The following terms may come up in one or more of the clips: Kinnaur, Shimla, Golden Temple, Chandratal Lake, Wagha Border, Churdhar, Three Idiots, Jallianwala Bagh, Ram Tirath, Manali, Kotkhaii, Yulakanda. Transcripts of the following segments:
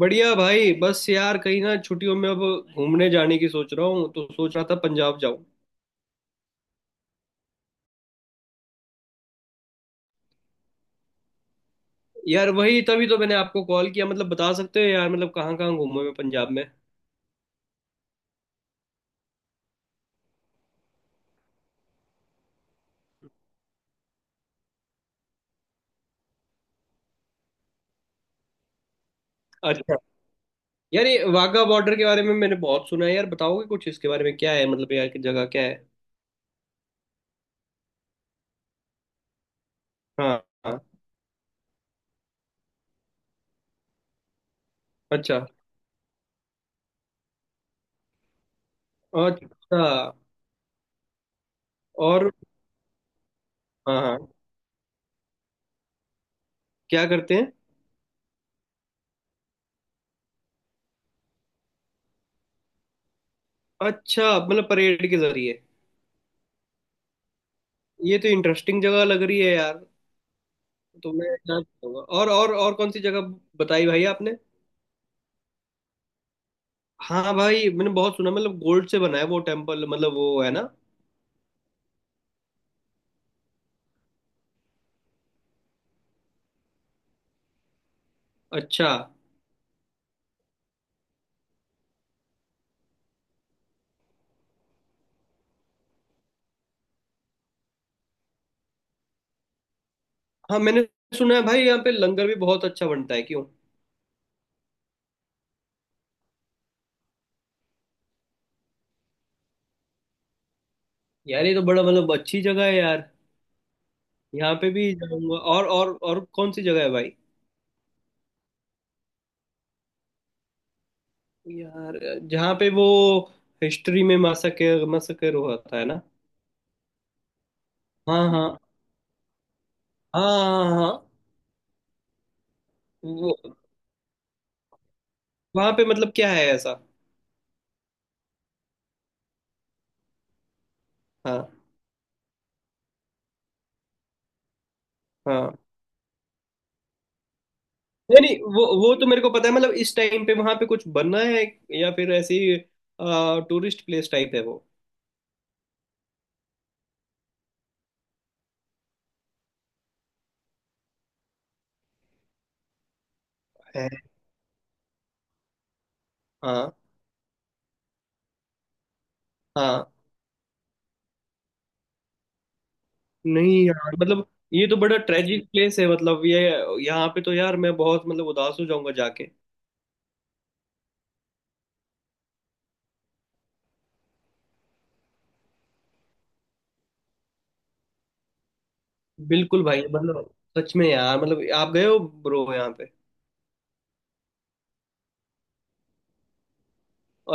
बढ़िया भाई। बस यार कहीं ना छुट्टियों में अब घूमने जाने की सोच रहा हूँ, तो सोच रहा था पंजाब जाऊँ। यार वही तभी तो मैंने आपको कॉल किया, मतलब बता सकते हो यार, मतलब कहाँ कहाँ घूमूं मैं पंजाब में? अच्छा यार, ये वाघा बॉर्डर के बारे में मैंने बहुत सुना है यार, बताओगे कुछ इसके बारे में? क्या है मतलब यार की जगह क्या है? हाँ। हाँ। अच्छा। अच्छा। और? हाँ हाँ। क्या करते हैं? अच्छा, मतलब परेड के जरिए। ये तो इंटरेस्टिंग जगह लग रही है यार। तो मैं जाना चाहूंगा। और कौन सी जगह बताई भाई आपने? हाँ भाई मैंने बहुत सुना, मतलब गोल्ड से बना है वो टेम्पल, मतलब वो है ना? अच्छा। हाँ मैंने सुना है भाई, यहाँ पे लंगर भी बहुत अच्छा बनता है क्यों? यार ये तो बड़ा मतलब अच्छी जगह है यार। यहाँ पे भी जाऊंगा। और कौन सी जगह है भाई? यार जहाँ पे वो हिस्ट्री में मैसेकर मैसेकर हुआ था है ना? हाँ हाँ हाँ हाँ। हाँ। वो वहाँ पे मतलब क्या है ऐसा? हाँ हाँ। नहीं नहीं, वो तो मेरे को पता है, मतलब इस टाइम पे वहाँ पे कुछ बनना है या फिर ऐसी टूरिस्ट प्लेस टाइप है वो? है। हाँ हाँ। नहीं यार मतलब, ये तो बड़ा ट्रेजिक प्लेस है, मतलब ये यहाँ पे तो यार मैं बहुत मतलब उदास हो जाऊंगा जाके। बिल्कुल भाई, मतलब सच में यार, मतलब आप गए हो ब्रो यहाँ पे?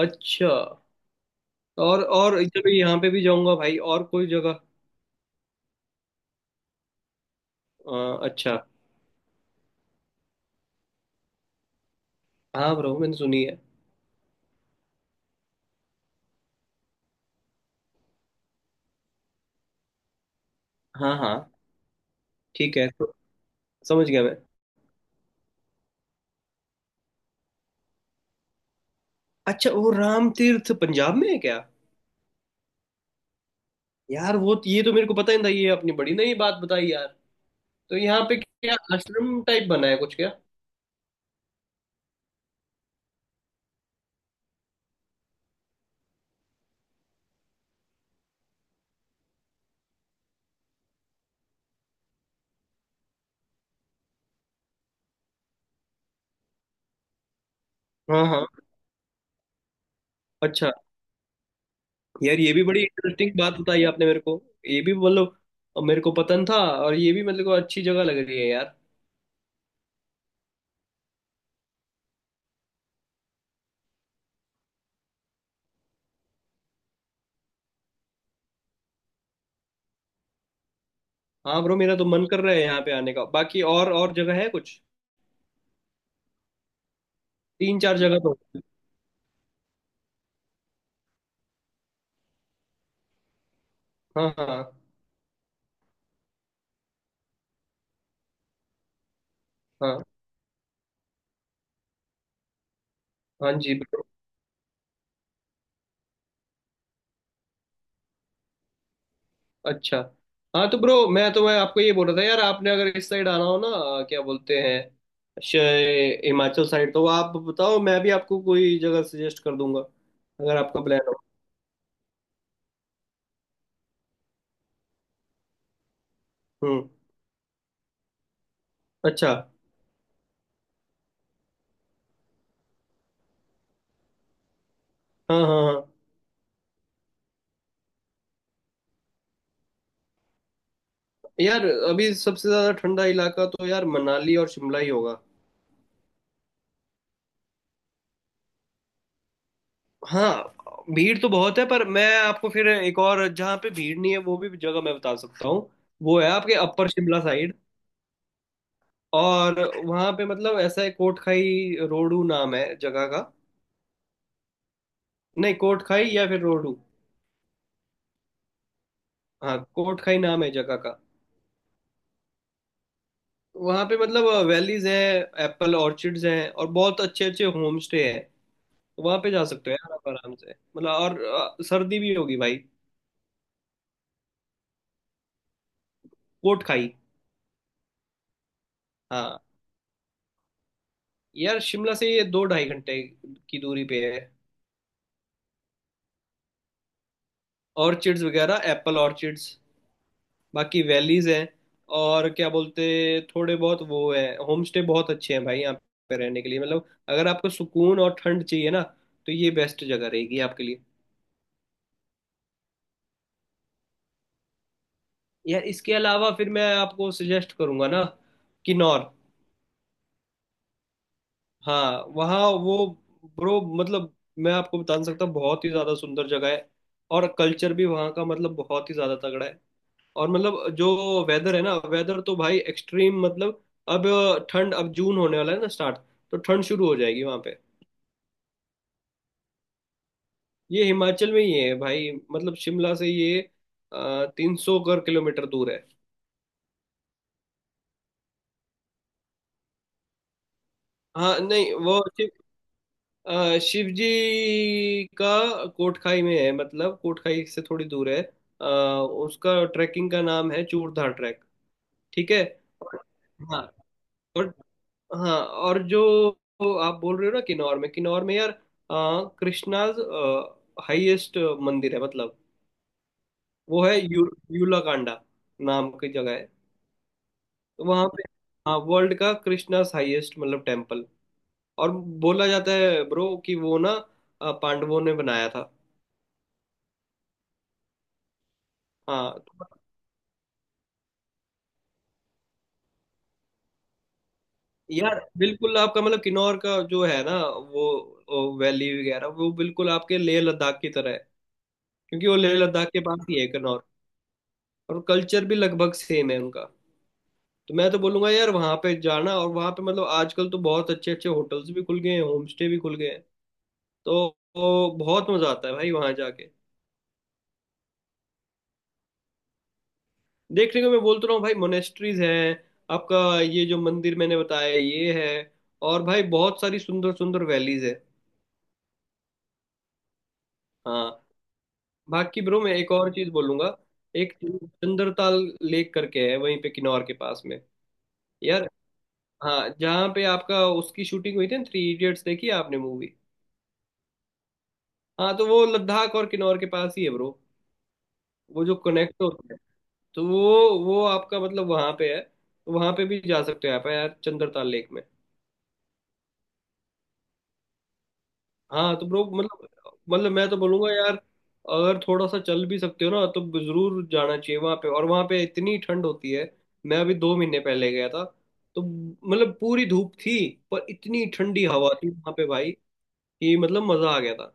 अच्छा। और चलो यहाँ पे भी जाऊंगा भाई, और कोई जगह? अच्छा। हाँ ब्रो मैंने सुनी है। हाँ हाँ। ठीक है तो समझ गया मैं। अच्छा, वो राम तीर्थ पंजाब में है क्या? यार वो, ये तो मेरे को पता ही नहीं था, ये अपनी बड़ी नई बात बताई यार। तो यहाँ पे क्या आश्रम टाइप बना है कुछ क्या? हाँ हाँ। अच्छा। यार ये भी बड़ी इंटरेस्टिंग बात बताई आपने मेरे को, ये भी मतलब मेरे को पतन था, और ये भी मतलब को अच्छी जगह लग रही है यार। हाँ ब्रो मेरा तो मन कर रहा है यहाँ पे आने का, बाकी और जगह है कुछ? तीन चार जगह तो। हाँ हाँ हाँ। हाँ जी ब्रो। अच्छा। हाँ तो ब्रो, मैं आपको ये बोल रहा था यार, आपने अगर इस साइड आना हो ना, क्या बोलते हैं हिमाचल साइड, तो आप बताओ मैं भी आपको कोई जगह सजेस्ट कर दूंगा, अगर आपका प्लान हो। हम्म। अच्छा। हाँ हाँ हाँ। यार अभी सबसे ज्यादा ठंडा इलाका तो यार मनाली और शिमला ही होगा। हाँ भीड़ तो बहुत है, पर मैं आपको फिर एक और जहाँ पे भीड़ नहीं है वो भी जगह मैं बता सकता हूँ। वो है आपके अपर शिमला साइड। और वहाँ पे मतलब ऐसा है, कोटखाई रोडू नाम है जगह का। नहीं, कोटखाई या फिर रोडू। हाँ, कोटखाई नाम है जगह का। वहाँ पे मतलब वैलीज हैं, एप्पल ऑर्चिड्स हैं और बहुत अच्छे अच्छे होम स्टे हैं। वहाँ पे जा सकते हो यार आप आराम से, मतलब। और सर्दी भी होगी भाई। कोटखाई। हाँ। यार शिमला से ये दो ढाई घंटे की दूरी पे है। ऑर्चिड्स वगैरह, एप्पल ऑर्चिड्स, बाकी वैलीज हैं। और क्या बोलते, थोड़े बहुत वो है। होम स्टे बहुत अच्छे हैं भाई यहाँ पे रहने के लिए, मतलब अगर आपको सुकून और ठंड चाहिए ना, तो ये बेस्ट जगह रहेगी आपके लिए। यार इसके अलावा फिर मैं आपको सजेस्ट करूंगा ना, किन्नौर। हाँ वहाँ वो ब्रो मतलब, मैं आपको बता नहीं सकता, बहुत ही ज्यादा सुंदर जगह है। और कल्चर भी वहाँ का मतलब बहुत ही ज्यादा तगड़ा है। और मतलब जो वेदर है ना, वेदर तो भाई एक्सट्रीम मतलब, अब ठंड, अब जून होने वाला है ना स्टार्ट, तो ठंड शुरू हो जाएगी वहां पे। ये हिमाचल में ही है भाई, मतलब शिमला से ये 300 कर किलोमीटर दूर है। हाँ नहीं, शिव जी का कोटखाई में है, मतलब कोटखाई से थोड़ी दूर है। अ, उसका ट्रैकिंग का नाम है चूड़धार ट्रैक। ठीक है। हाँ। और हाँ, और जो आप बोल रहे हो ना, किन्नौर में यार, कृष्णाज हाईएस्ट मंदिर है, मतलब वो है यूलाकांडा नाम की जगह है। तो वहाँ पे हाँ, वर्ल्ड का कृष्णाज हाईएस्ट मतलब टेम्पल, और बोला जाता है ब्रो कि वो ना पांडवों ने बनाया था। हाँ तो यार बिल्कुल आपका मतलब किन्नौर का जो है ना, वो वैली वगैरह वो बिल्कुल आपके लेह लद्दाख की तरह है, क्योंकि वो लेह लद्दाख के पास ही है किन्नौर। और कल्चर भी लगभग सेम है उनका। तो मैं तो बोलूंगा यार वहां पे जाना, और वहां पे मतलब आजकल तो बहुत अच्छे अच्छे होटल्स भी खुल गए हैं, होम स्टे भी खुल गए हैं, तो, तो बहुत मजा आता है भाई वहां जाके। देखने को मैं बोलता रहा हूँ भाई, मोनेस्ट्रीज हैं, आपका ये जो मंदिर मैंने बताया ये है, और भाई बहुत सारी सुंदर सुंदर वैलीज है। हाँ। बाकी ब्रो मैं एक और चीज बोलूंगा, एक चंद्रताल लेक करके है वहीं पे किन्नौर के पास में। यार हाँ, जहाँ पे आपका उसकी शूटिंग हुई थी ना, थ्री इडियट्स देखी है आपने मूवी? हाँ तो वो लद्दाख और किन्नौर के पास ही है ब्रो। वो जो कनेक्ट होता है, तो वो आपका मतलब वहां पे है, तो वहां पे भी जा सकते हो आप यार चंद्रताल लेक में। हाँ तो ब्रो मतलब मैं तो बोलूंगा यार, अगर थोड़ा सा चल भी सकते हो ना तो जरूर जाना चाहिए वहां पे। और वहां पे इतनी ठंड होती है, मैं अभी 2 महीने पहले गया था, तो मतलब पूरी धूप थी, पर इतनी ठंडी हवा थी वहां पे भाई, कि मतलब मजा आ गया था।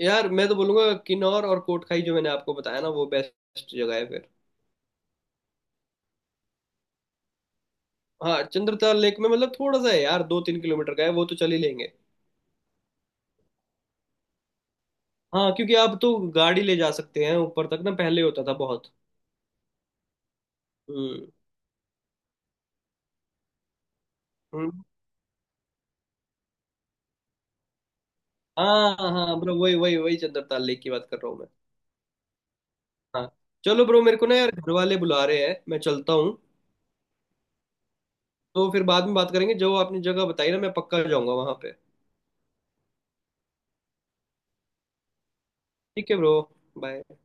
यार मैं तो बोलूंगा, किन्नौर और कोटखाई जो मैंने आपको बताया ना, वो बेस्ट जगह है। हाँ चंद्रताल लेक में मतलब थोड़ा सा है यार, दो तीन किलोमीटर का है, वो तो चल ही लेंगे। हाँ क्योंकि आप तो गाड़ी ले जा सकते हैं ऊपर तक ना, पहले होता था बहुत। हम्म। हम्म। हाँ। हाँ ब्रो, वही वही वही चंद्रताल लेक की बात कर रहा हूँ मैं। हाँ। चलो ब्रो मेरे को ना यार घर वाले बुला रहे हैं, मैं चलता हूँ। तो फिर बाद में बात करेंगे, जो आपने जगह बताई ना, मैं पक्का जाऊंगा वहां पे। ठीक है ब्रो। बाय।